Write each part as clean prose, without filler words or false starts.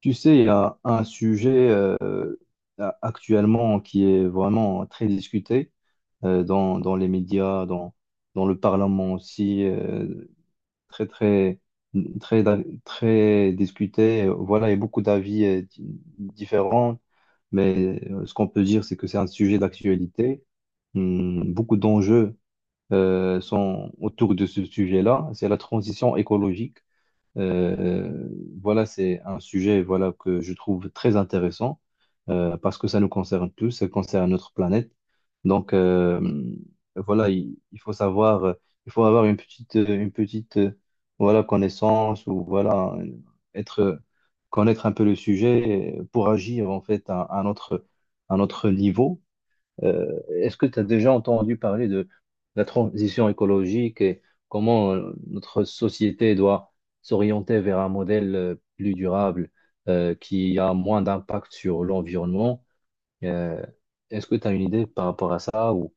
Tu sais, il y a un sujet actuellement qui est vraiment très discuté dans les médias, dans le Parlement aussi, très, très, très, très discuté. Voilà, il y a beaucoup d'avis différents, mais ce qu'on peut dire, c'est que c'est un sujet d'actualité. Beaucoup d'enjeux sont autour de ce sujet-là. C'est la transition écologique. Euh, voilà, c'est un sujet voilà, que je trouve très intéressant parce que ça nous concerne tous, ça concerne notre planète. Donc, voilà, il faut savoir, il faut avoir une petite voilà, connaissance ou voilà, être, connaître un peu le sujet pour agir en fait à notre niveau. Est-ce que tu as déjà entendu parler de la transition écologique et comment notre société doit s'orienter vers un modèle plus durable qui a moins d'impact sur l'environnement? Euh, est-ce que tu as une idée par rapport à ça ou...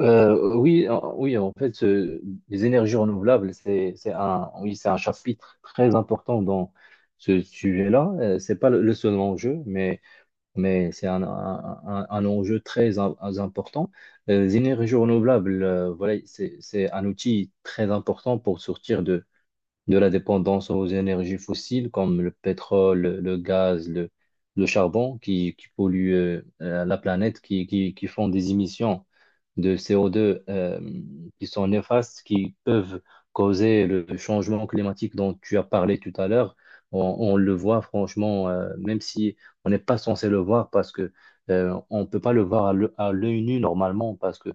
Oui, oui, en fait, les énergies renouvelables, c'est un, oui, c'est un chapitre très important dans ce sujet-là. C'est pas le seul enjeu, mais c'est un, un enjeu très important. Les énergies renouvelables, voilà, c'est un outil très important pour sortir de la dépendance aux énergies fossiles comme le pétrole, le gaz, le charbon qui polluent la planète, qui font des émissions de CO2 qui sont néfastes, qui peuvent causer le changement climatique dont tu as parlé tout à l'heure. On le voit franchement, même si on n'est pas censé le voir parce que on ne peut pas le voir à l'œil nu normalement parce que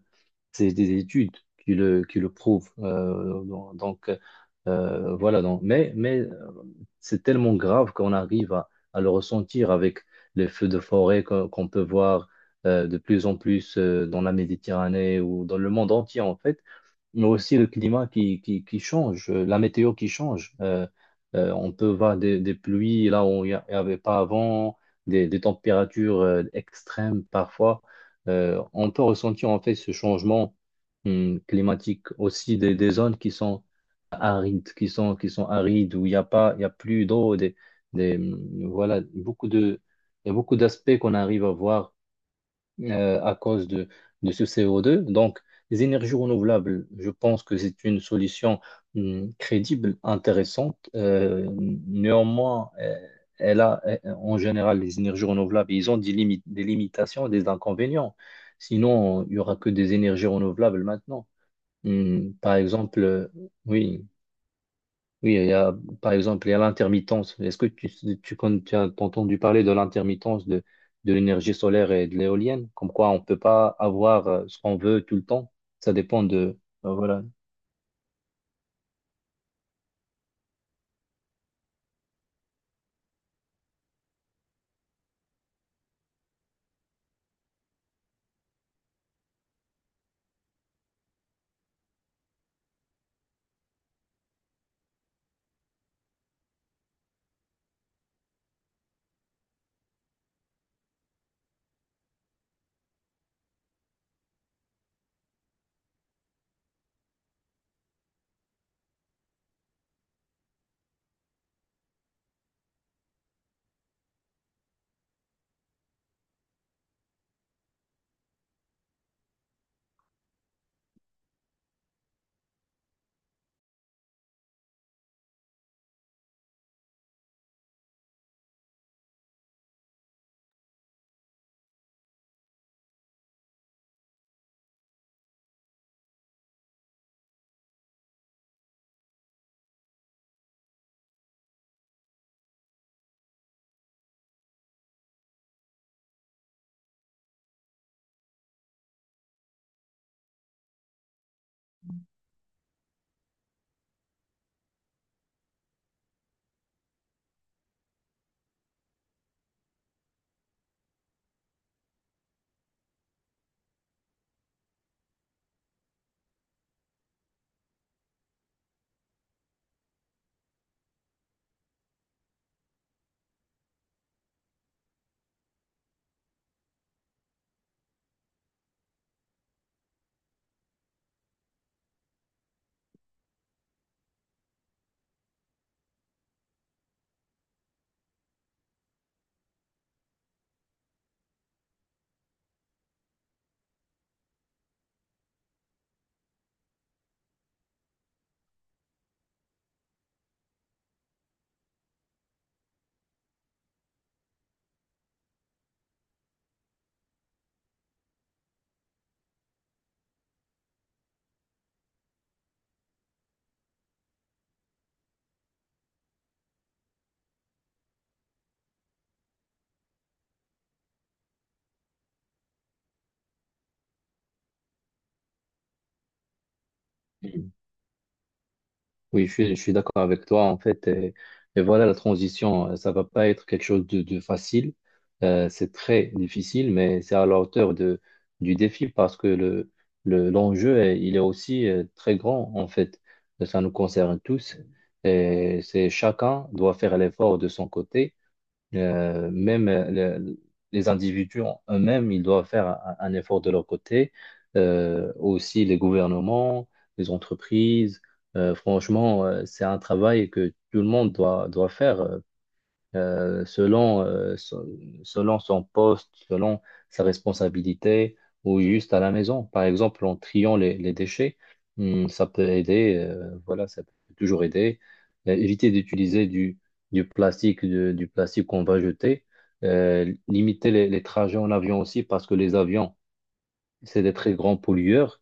c'est des études qui le prouvent. Donc, voilà. Donc, mais c'est tellement grave qu'on arrive à le ressentir avec les feux de forêt qu'on peut voir de plus en plus dans la Méditerranée ou dans le monde entier en fait, mais aussi le climat qui change, la météo qui change. On peut voir des pluies là où il n'y avait pas avant, des températures extrêmes parfois. On peut ressentir en fait ce changement climatique aussi des zones qui sont arides, qui sont arides, où il n'y a pas, il y a plus d'eau, des, voilà, beaucoup de, il y a beaucoup d'aspects qu'on arrive à voir à cause de ce CO2. Donc, les énergies renouvelables, je pense que c'est une solution crédible, intéressante. Néanmoins, elle a, en général, les énergies renouvelables, ils ont des limites, des limitations, des inconvénients. Sinon, il n'y aura que des énergies renouvelables maintenant. Par exemple, oui, oui, il y a, par exemple, il y a l'intermittence. Est-ce que tu, tu as entendu parler de l'intermittence de l'énergie solaire et de l'éolienne? Comme quoi, on ne peut pas avoir ce qu'on veut tout le temps. Ça dépend de, voilà. Oui, je suis d'accord avec toi, en fait. Et voilà, la transition, ça va pas être quelque chose de facile. C'est très difficile, mais c'est à la hauteur de, du défi parce que le, l'enjeu, il est aussi très grand, en fait. Ça nous concerne tous. Et c'est chacun doit faire l'effort de son côté. Même le- les individus en eux-mêmes, ils doivent faire un effort de leur côté. Aussi les gouvernements, les entreprises. Franchement, c'est un travail que tout le monde doit faire. Selon, selon son poste, selon sa responsabilité ou juste à la maison. Par exemple, en triant les déchets, ça peut aider, voilà, ça peut toujours aider. Éviter d'utiliser du plastique, du plastique qu'on va jeter. Limiter les trajets en avion aussi parce que les avions, c'est des très grands pollueurs.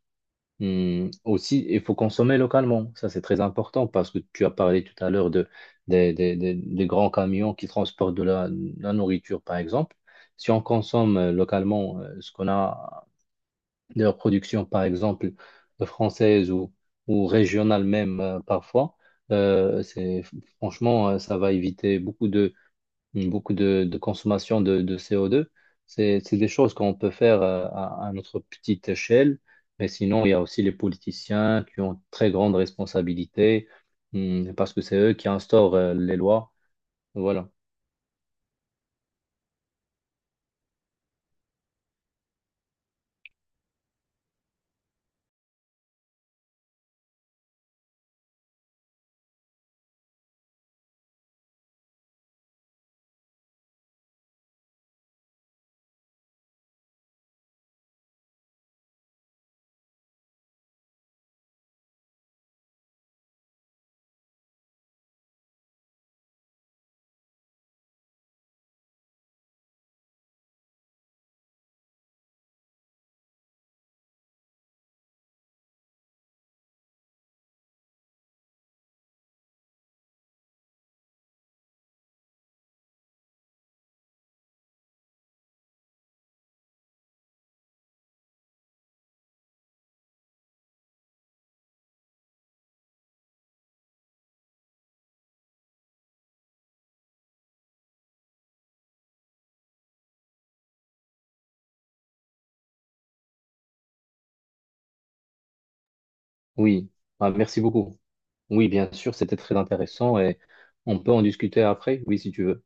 Aussi, il faut consommer localement. Ça, c'est très important parce que tu as parlé tout à l'heure de, des grands camions qui transportent de la, la nourriture, par exemple. Si on consomme localement ce qu'on a de la production, par exemple, française ou régionale même parfois, c'est, franchement, ça va éviter beaucoup beaucoup de consommation de CO2. C'est des choses qu'on peut faire à notre petite échelle, mais sinon, il y a aussi les politiciens qui ont très grande responsabilité parce que c'est eux qui instaurent les lois. Voilà. Oui. Ah, merci beaucoup. Oui, bien sûr, c'était très intéressant et on peut en discuter après. Oui, si tu veux.